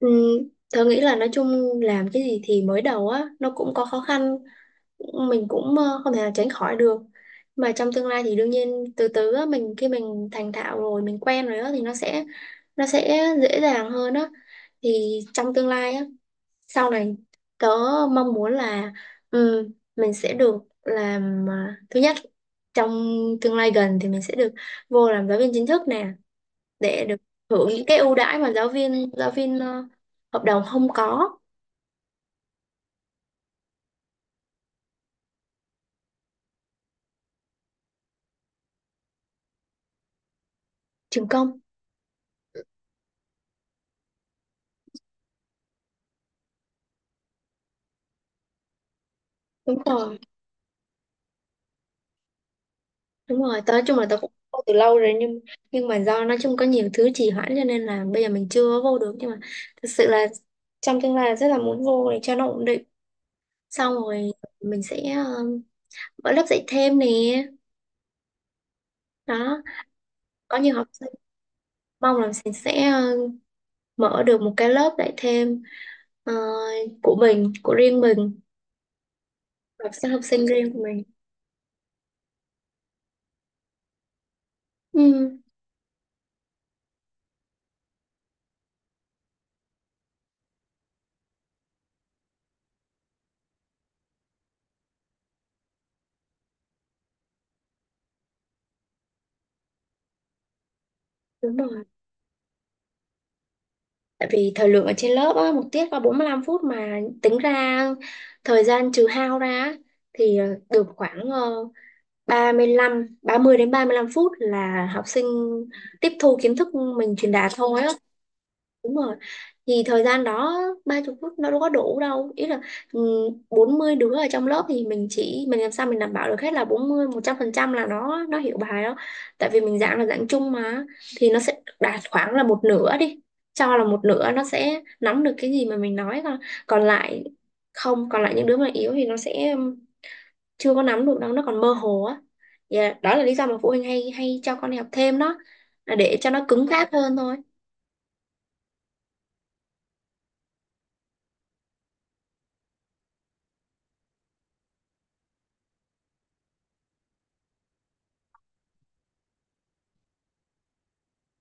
Ừ, tớ nghĩ là nói chung làm cái gì thì mới đầu á nó cũng có khó khăn, mình cũng không thể nào tránh khỏi được, mà trong tương lai thì đương nhiên từ từ á, mình khi mình thành thạo rồi, mình quen rồi á thì nó sẽ dễ dàng hơn á. Thì trong tương lai á, sau này tớ mong muốn là, ừ, mình sẽ được làm, à, thứ nhất, trong tương lai gần thì mình sẽ được vô làm giáo viên chính thức nè, để được hưởng những cái ưu đãi mà giáo viên hợp đồng không có. Trường công. Đúng rồi, đúng rồi, tớ nói chung là tớ cũng vô từ lâu rồi, nhưng mà do nói chung có nhiều thứ trì hoãn, cho nên là bây giờ mình chưa vô được, nhưng mà thật sự là trong tương lai rất là muốn vô để cho nó ổn định. Xong rồi mình sẽ mở lớp dạy thêm nè, đó, có nhiều học sinh. Mong là mình sẽ mở được một cái lớp dạy thêm ờ, của mình, của riêng mình, học sinh riêng của mình. Ừ, đúng rồi. Tại vì thời lượng ở trên lớp á, một tiết có 45 phút, mà tính ra thời gian trừ hao ra á, thì được khoảng 35, 30 đến 35 phút là học sinh tiếp thu kiến thức mình truyền đạt thôi á. Đúng rồi. Thì thời gian đó 30 phút nó đâu có đủ đâu. Ý là, ừ, 40 đứa ở trong lớp thì mình chỉ, mình làm sao mình đảm bảo được hết là 40, 100% là nó hiểu bài đó. Tại vì mình giảng là giảng chung mà, thì nó sẽ đạt khoảng là một nửa đi. Cho là một nửa nó sẽ nắm được cái gì mà mình nói, còn còn lại không, còn lại những đứa mà yếu thì nó sẽ chưa có nắm được đâu, nó còn mơ hồ á. Dạ, đó là lý do mà phụ huynh hay hay cho con đi học thêm đó, là để cho nó cứng cáp hơn thôi.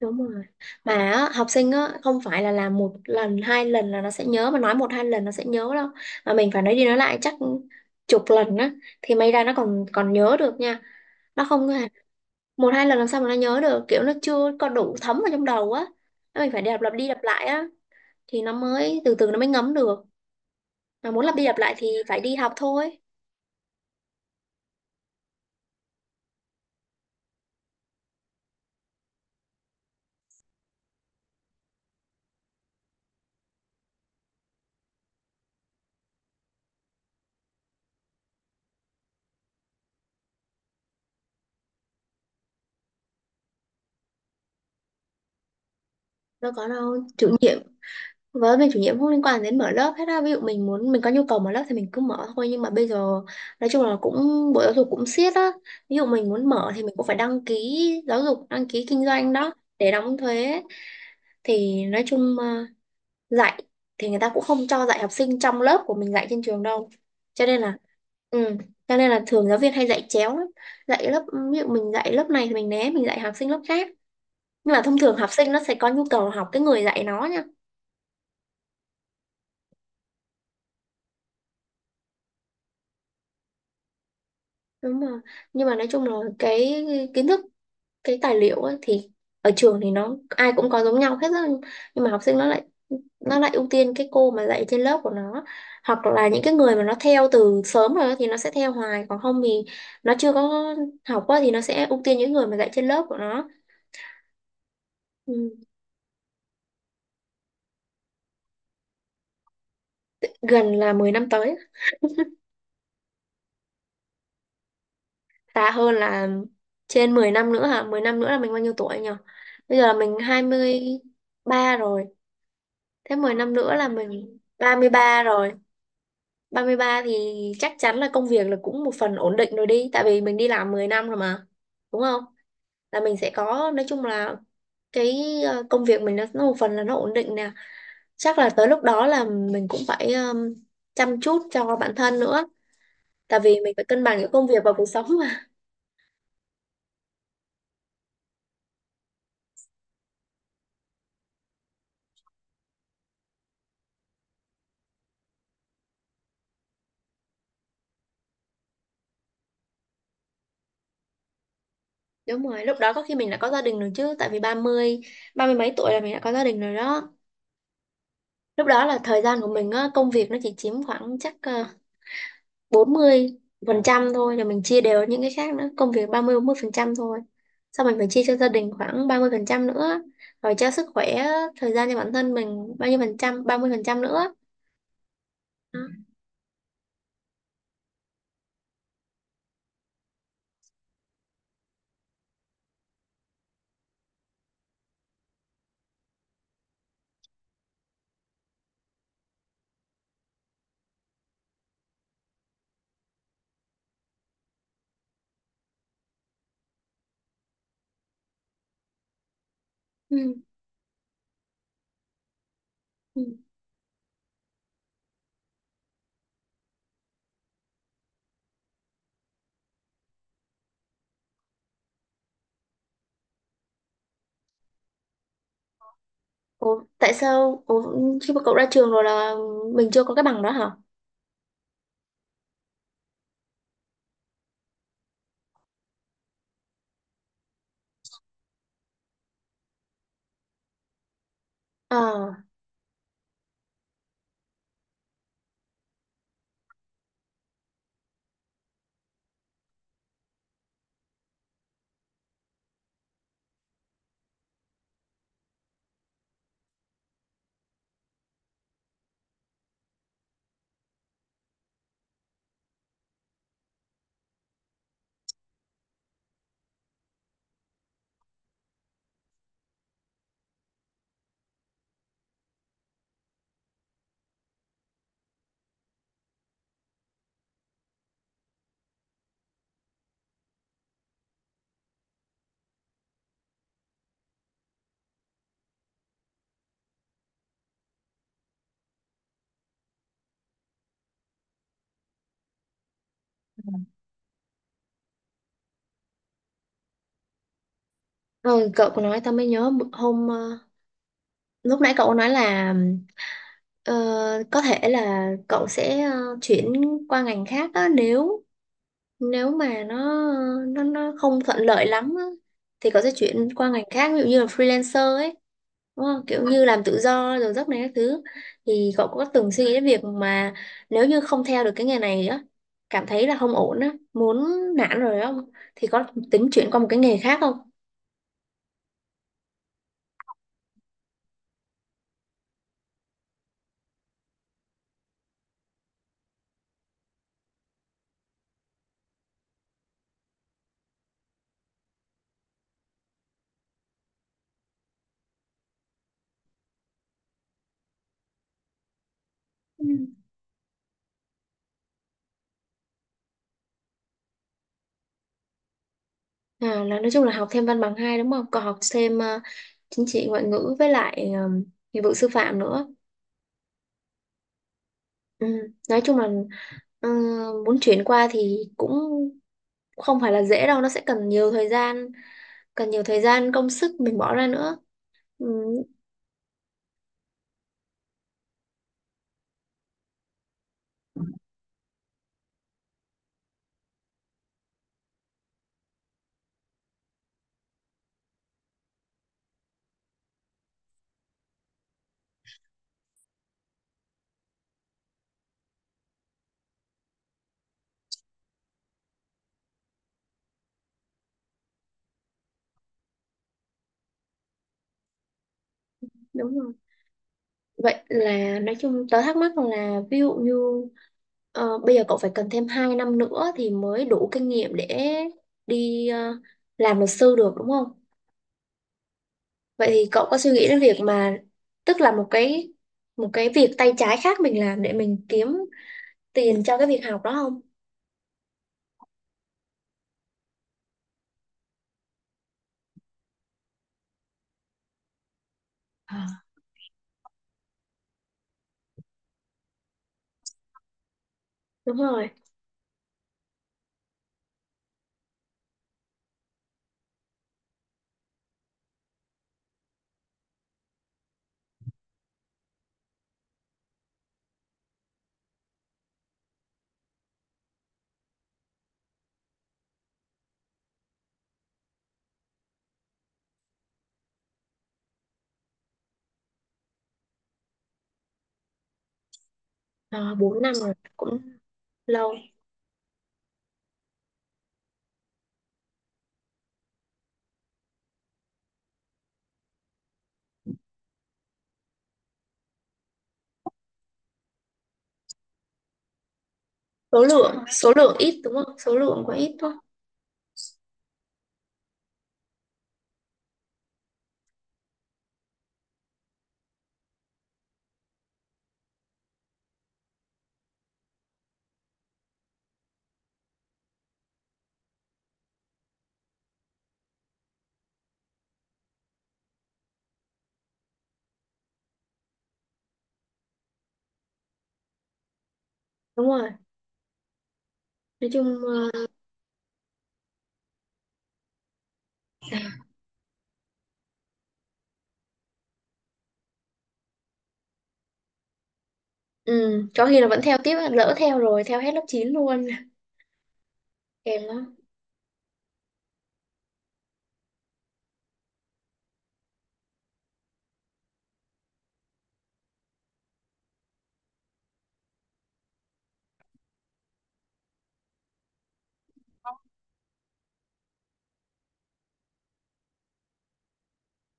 Đúng rồi, mà á, học sinh á không phải là làm một lần hai lần là nó sẽ nhớ, mà nói một hai lần nó sẽ nhớ đâu, mà mình phải nói đi nói lại chắc chục lần á thì may ra nó còn còn nhớ được nha, nó không hề- một hai lần làm sao mà nó nhớ được, kiểu nó chưa có đủ thấm vào trong đầu á. Nó mình phải đạp lặp đi lặp lại á, thì nó mới từ từ nó mới ngấm được, mà muốn lặp đi lặp lại thì phải đi học thôi. Đâu có đâu chủ nhiệm, với mình chủ nhiệm không liên quan đến mở lớp hết á, ví dụ mình muốn, mình có nhu cầu mở lớp thì mình cứ mở thôi. Nhưng mà bây giờ nói chung là cũng bộ giáo dục cũng siết á, ví dụ mình muốn mở thì mình cũng phải đăng ký giáo dục, đăng ký kinh doanh đó, để đóng thuế. Thì nói chung dạy thì người ta cũng không cho dạy học sinh trong lớp của mình dạy trên trường đâu, cho nên là, ừ, cho nên là thường giáo viên hay dạy chéo lắm, dạy lớp, ví dụ mình dạy lớp này thì mình né, mình dạy học sinh lớp khác, nhưng mà thông thường học sinh nó sẽ có nhu cầu học cái người dạy nó nha. Đúng rồi, nhưng mà nói chung là cái kiến thức, cái tài liệu ấy, thì ở trường thì nó ai cũng có giống nhau hết á. Nhưng mà học sinh nó lại ưu tiên cái cô mà dạy trên lớp của nó, hoặc là những cái người mà nó theo từ sớm rồi á thì nó sẽ theo hoài, còn không thì nó chưa có học quá, thì nó sẽ ưu tiên những người mà dạy trên lớp của nó. Ừ, gần là 10 năm tới. Xa hơn là trên 10 năm nữa hả? 10 năm nữa là mình bao nhiêu tuổi nhỉ? Bây giờ là mình 23 rồi, thế 10 năm nữa là mình 33 rồi. Ba mươi ba thì chắc chắn là công việc là cũng một phần ổn định rồi đi, tại vì mình đi làm 10 năm rồi mà, đúng không? Là mình sẽ có, nói chung là cái công việc mình nó một phần là nó ổn định nè. Chắc là tới lúc đó là mình cũng phải chăm chút cho bản thân nữa, tại vì mình phải cân bằng giữa công việc và cuộc sống mà. Đúng rồi, lúc đó có khi mình đã có gia đình rồi chứ, tại vì 30, 30 mấy tuổi là mình đã có gia đình rồi đó. Lúc đó là thời gian của mình á, công việc nó chỉ chiếm khoảng chắc 40% thôi, là mình chia đều những cái khác nữa, công việc 30, 40% thôi, xong mình phải chia cho gia đình khoảng 30% nữa, rồi cho sức khỏe, thời gian cho bản thân mình bao nhiêu phần trăm, 30% nữa. Đó. Ừ. Ừ. Ủa, tại sao? Ủa, khi mà cậu ra trường rồi là mình chưa có cái bằng đó hả? Ờ. Ừ, cậu có nói tao mới nhớ, hôm lúc nãy cậu có nói là ờ, có thể là cậu sẽ chuyển qua ngành khác á, nếu nếu mà nó không thuận lợi lắm á, thì có thể chuyển qua ngành khác, ví dụ như là freelancer ấy, đúng không? Kiểu như làm tự do rồi giấc này các thứ. Thì cậu có từng suy nghĩ đến việc mà nếu như không theo được cái nghề này á, cảm thấy là không ổn á, muốn nản rồi không, thì có tính chuyển qua một cái nghề khác không? Ừ. À, là nói chung là học thêm văn bằng hai đúng không, còn học thêm chính trị ngoại ngữ với lại nghiệp vụ sư phạm nữa. Ừ, nói chung là ờ, muốn chuyển qua thì cũng không phải là dễ đâu, nó sẽ cần nhiều thời gian, cần nhiều thời gian công sức mình bỏ ra nữa. Ừ, đúng rồi. Vậy là nói chung tớ thắc mắc là, ví dụ như bây giờ cậu phải cần thêm 2 năm nữa thì mới đủ kinh nghiệm để đi làm luật sư được đúng không? Vậy thì cậu có suy nghĩ đến việc mà, tức là một cái việc tay trái khác mình làm để mình kiếm tiền cho cái việc học đó không? Ờ. Đúng rồi. À, 4 năm rồi cũng lâu. Số lượng ít đúng không, số lượng quá ít đúng không? Đúng rồi, nói chung ừ, có khi là vẫn theo tiếp, lỡ theo rồi theo hết lớp 9 luôn. Kèm lắm.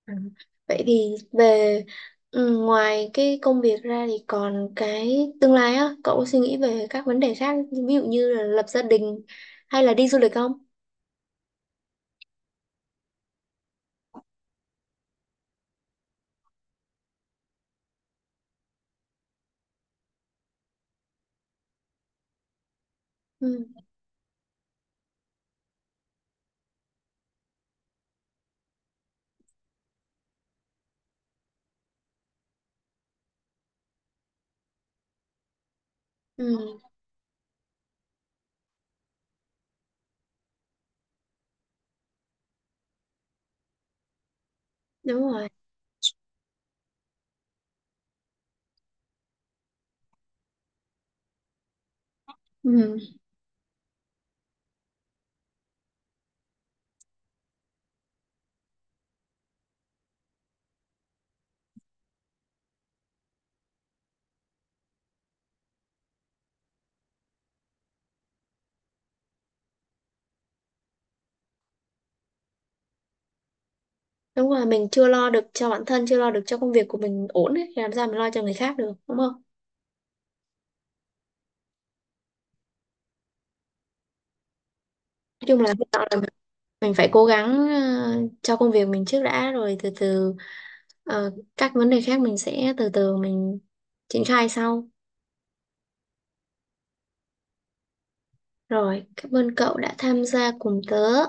Ừ. Vậy thì về, ừ, ngoài cái công việc ra thì còn cái tương lai á, cậu có suy nghĩ về các vấn đề khác, ví dụ như là lập gia đình hay là đi du lịch không? Ừ. Ừ, đúng rồi. Ừ, đúng rồi, mình chưa lo được cho bản thân, chưa lo được cho công việc của mình ổn ấy, thì làm sao mình lo cho người khác được đúng không? Nói chung là hy vọng là mình phải cố gắng cho công việc mình trước đã, rồi từ từ ờ, các vấn đề khác mình sẽ từ từ mình triển khai sau. Rồi cảm ơn cậu đã tham gia cùng tớ.